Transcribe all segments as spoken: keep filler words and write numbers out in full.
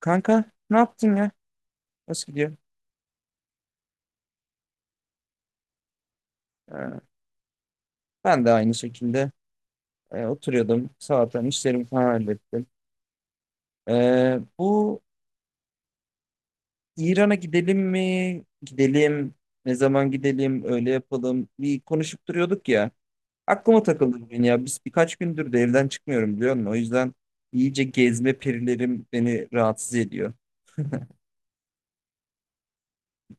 Kanka ne yaptın ya? Nasıl gidiyor? Ee, ben de aynı şekilde e, oturuyordum. Sabahtan işlerimi falan hallettim. Ee, bu İran'a gidelim mi? Gidelim. Ne zaman gidelim? Öyle yapalım. Bir konuşup duruyorduk ya. Aklıma takıldı bugün ya. Biz birkaç gündür de evden çıkmıyorum biliyor musun? O yüzden iyice gezme perilerim beni rahatsız ediyor.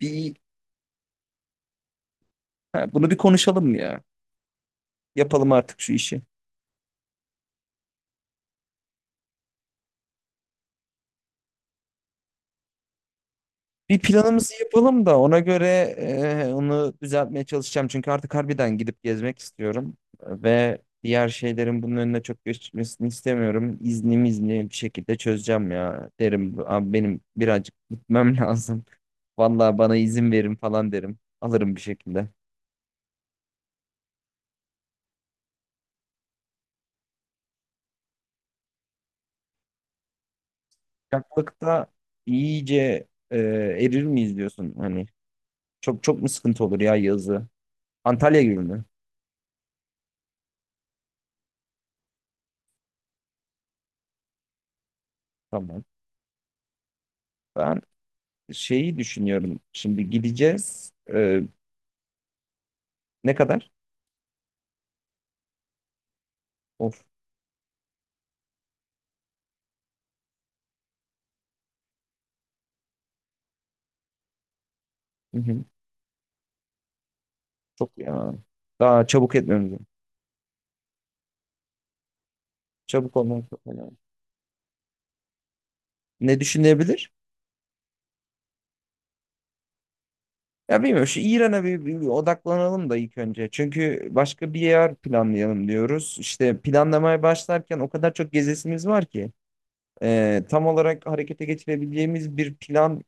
Bir, ha, bunu bir konuşalım mı ya? Yapalım artık şu işi. Bir planımızı yapalım da ona göre e, onu düzeltmeye çalışacağım. Çünkü artık harbiden gidip gezmek istiyorum. Ve diğer şeylerin bunun önüne çok geçmesini istemiyorum. İznim izni bir şekilde çözeceğim ya. Derim abi benim birazcık gitmem lazım. Vallahi bana izin verin falan derim. Alırım bir şekilde. Sıcaklıkta iyice e, erir miyiz diyorsun hani. Çok çok mu sıkıntı olur ya yazı? Antalya gibi mi? Tamam. Ben şeyi düşünüyorum. Şimdi gideceğiz. Ne kadar? Of. Hı hı. Çok ya. Daha çabuk etmemiz lazım. Çabuk olmamız çok önemli. Ne düşünebilir? Ya bilmiyorum, şu İran'a bir, bir- bir odaklanalım da ilk önce. Çünkü başka bir yer planlayalım diyoruz. İşte planlamaya başlarken o kadar çok gezesimiz var ki. e, tam olarak harekete geçirebileceğimiz bir plan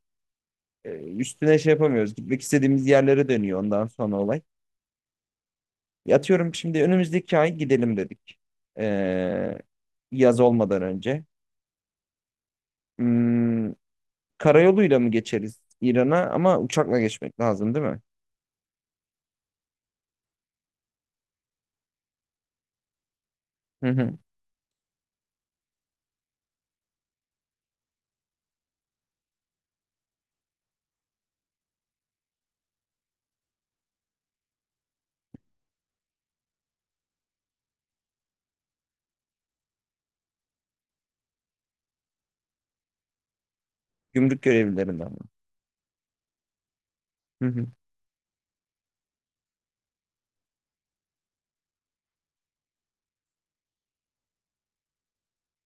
e, üstüne şey yapamıyoruz. Gitmek istediğimiz yerlere dönüyor ondan sonra olay. Ya atıyorum, şimdi önümüzdeki ay gidelim dedik. E, yaz olmadan önce. Hmm, Karayoluyla mı geçeriz İran'a, ama uçakla geçmek lazım değil mi? Hı hı. Gümrük görevlilerinden mi? Hı hı.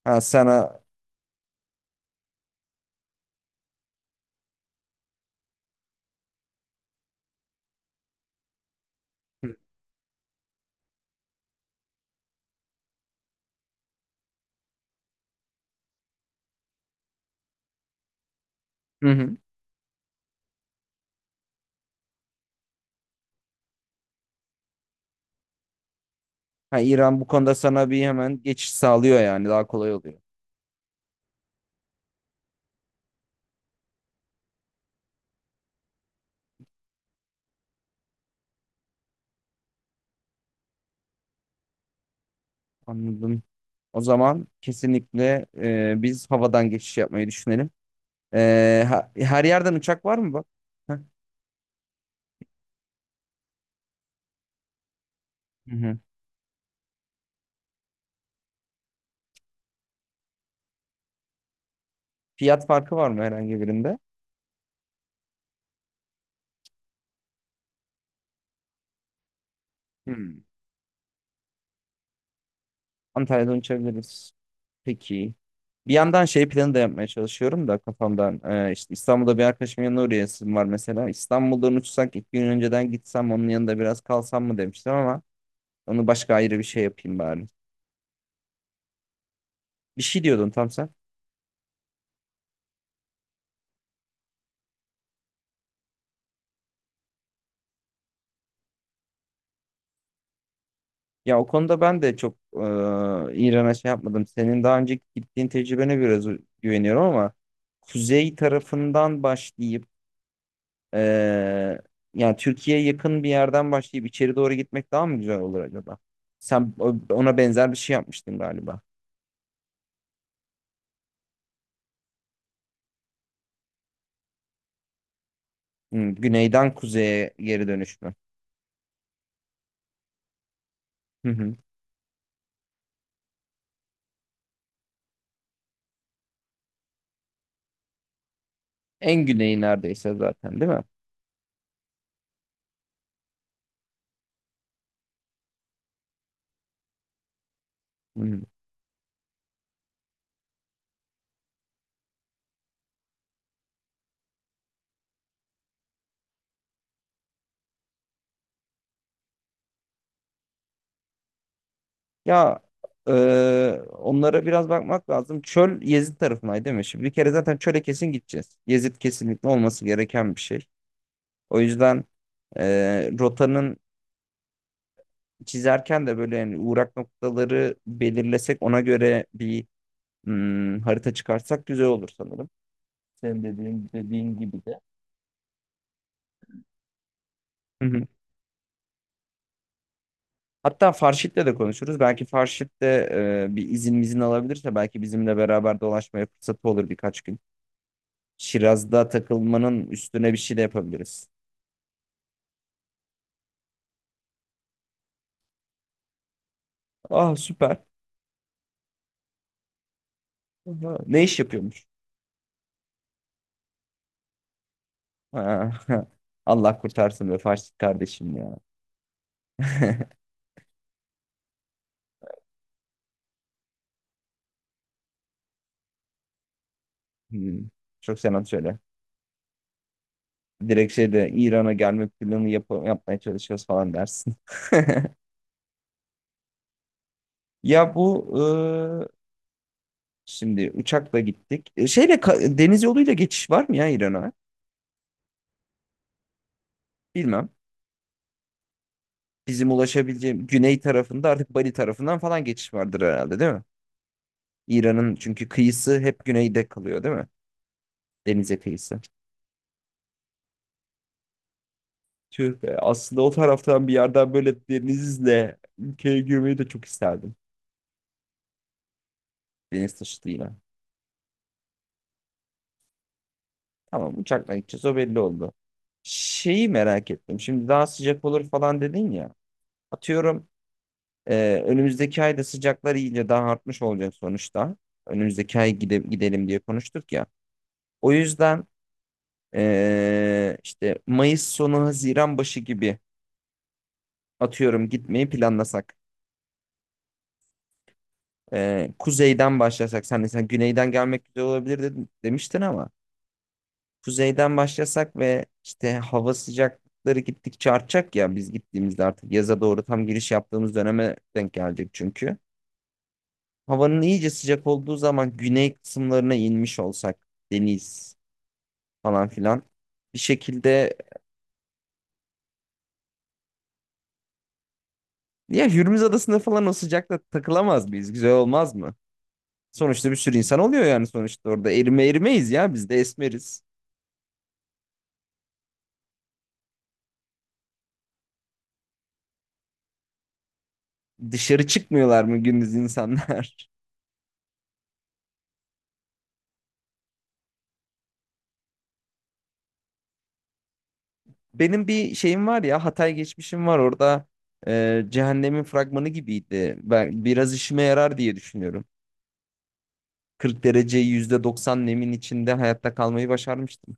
Ha sana. Hı hı. Hı. Ha, İran bu konuda sana bir hemen geçiş sağlıyor yani daha kolay oluyor. Anladım. O zaman kesinlikle e, biz havadan geçiş yapmayı düşünelim. E, ha- her yerden uçak var mı bak? Heh. Hı hı. Fiyat farkı var mı herhangi birinde? Hmm. Antalya'dan uçabiliriz. Peki. Bir yandan şey planı da yapmaya çalışıyorum da kafamdan. Ee, işte İstanbul'da bir arkadaşımın yanına uğrayasım var mesela. İstanbul'dan uçsak ilk gün önceden gitsem onun yanında biraz kalsam mı demiştim ama onu başka ayrı bir şey yapayım bari. Bir şey diyordun tam sen. Ya o konuda ben de çok e, İran'a şey yapmadım. Senin daha önce gittiğin tecrübene biraz güveniyorum ama kuzey tarafından başlayıp Ee, yani Türkiye'ye yakın bir yerden başlayıp içeri doğru gitmek daha mı güzel olur acaba? Sen o- ona benzer bir şey yapmıştın galiba. Hmm, güneyden kuzeye geri dönüş mü? Hı hı. En güneyi neredeyse zaten değil mi? Hı hı. Ya e, onlara biraz bakmak lazım. Çöl Yezid tarafındaydı değil mi? Şimdi bir kere zaten çöle kesin gideceğiz. Yezid kesinlikle olması gereken bir şey. O yüzden e, rotanın çizerken de böyle yani uğrak noktaları belirlesek ona göre bir hmm, harita çıkartsak güzel olur sanırım. Senin dediğin, dediğin gibi de. Hı hı. Hatta Farşit'le de konuşuruz. Belki Farşit de e, bir izin mizin alabilirse belki bizimle beraber dolaşmaya fırsatı olur birkaç gün. Şiraz'da takılmanın üstüne bir şey de yapabiliriz. Ah, süper. Aha. Ne iş yapıyormuş? Ha, Allah kurtarsın be Farşit kardeşim ya. Hmm. Çok selam söyle. Direkt şeyde İran'a gelme planı yap- yapmaya çalışıyoruz falan dersin. Ya bu, şimdi uçakla gittik. E, Şeyle ka- deniz yoluyla geçiş var mı ya İran'a? Bilmem. Bizim ulaşabileceğim güney tarafında artık Bali tarafından falan geçiş vardır herhalde değil mi? İran'ın çünkü kıyısı hep güneyde kalıyor değil mi? Denize kıyısı. Tüh be, aslında o taraftan bir yerden böyle denizle ülkeye girmeyi de çok isterdim. Deniz taşıtıyla. Tamam, uçakla gideceğiz, o belli oldu. Şeyi merak ettim. Şimdi daha sıcak olur falan dedin ya. Atıyorum, Ee, önümüzdeki ayda sıcaklar iyice daha artmış olacak sonuçta. Önümüzdeki ay gide- gidelim diye konuştuk ya. O yüzden ee, işte Mayıs sonu Haziran başı gibi atıyorum gitmeyi planlasak. Ee, kuzeyden başlasak. Sen de sen güneyden gelmek güzel olabilir dedin, demiştin ama kuzeyden başlasak ve işte hava sıcakları gittikçe artacak ya, biz gittiğimizde artık yaza doğru tam giriş yaptığımız döneme denk gelecek çünkü. Havanın iyice sıcak olduğu zaman güney kısımlarına inmiş olsak, deniz falan filan bir şekilde. Ya Hürmüz Adası'nda falan o sıcakta takılamaz mıyız? Güzel olmaz mı? Sonuçta bir sürü insan oluyor, yani sonuçta orada erime erimeyiz ya, biz de esmeriz. Dışarı çıkmıyorlar mı gündüz insanlar? Benim bir şeyim var ya, Hatay geçmişim var, orada e, cehennemin fragmanı gibiydi. Ben biraz işime yarar diye düşünüyorum. kırk derece yüzde doksan nemin içinde hayatta kalmayı başarmıştım.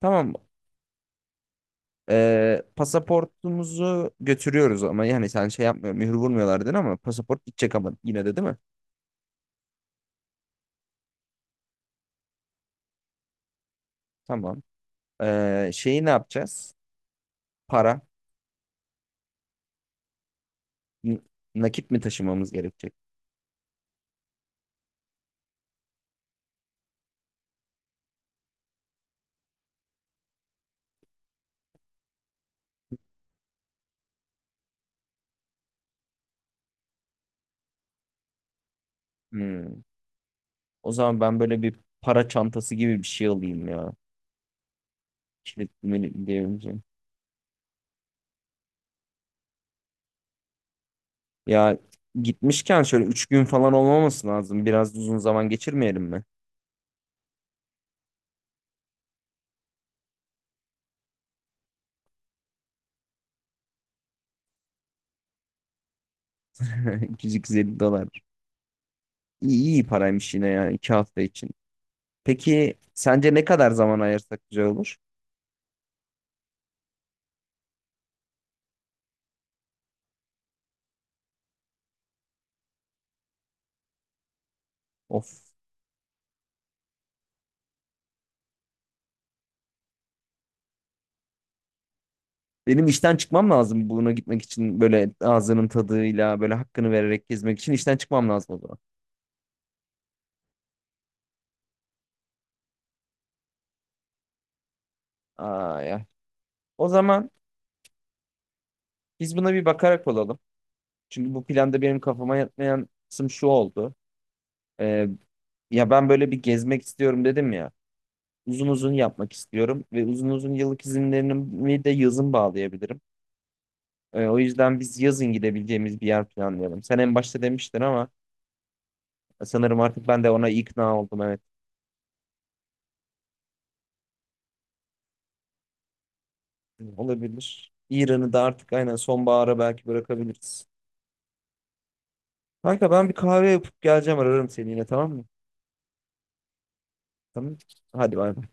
Tamam. Ee, pasaportumuzu götürüyoruz ama, yani sen şey yapmıyor, mühür vurmuyorlar dedin ama pasaport gidecek ama yine de değil mi? Tamam. Ee, şeyi ne yapacağız? Para. N- Nakit mi taşımamız gerekecek? Hmm. O zaman ben böyle bir para çantası gibi bir şey alayım ya. Kilitli mi diyebileceğim. Ya gitmişken şöyle üç gün falan olmaması lazım. Biraz uzun zaman geçirmeyelim mi? iki yüz elli dolar. İyi, iyi paraymış yine yani iki hafta için. Peki sence ne kadar zaman ayırsak güzel olur? Of. Benim işten çıkmam lazım buna, gitmek için böyle ağzının tadıyla böyle hakkını vererek gezmek için işten çıkmam lazım o zaman. Ay, ay. O zaman biz buna bir bakarak olalım. Çünkü bu planda benim kafama yatmayan kısım şu oldu. Ee, ya ben böyle bir gezmek istiyorum dedim ya. Uzun uzun yapmak istiyorum ve uzun uzun yıllık izinlerimi de yazın bağlayabilirim. Ee, o yüzden biz yazın gidebileceğimiz bir yer planlayalım. Sen en başta demiştin ama sanırım artık ben de ona ikna oldum. Evet. Olabilir. İran'ı da artık aynen sonbahara belki bırakabiliriz. Kanka, ben bir kahve yapıp geleceğim, ararım seni yine, tamam mı? Tamam. Hadi bay bay.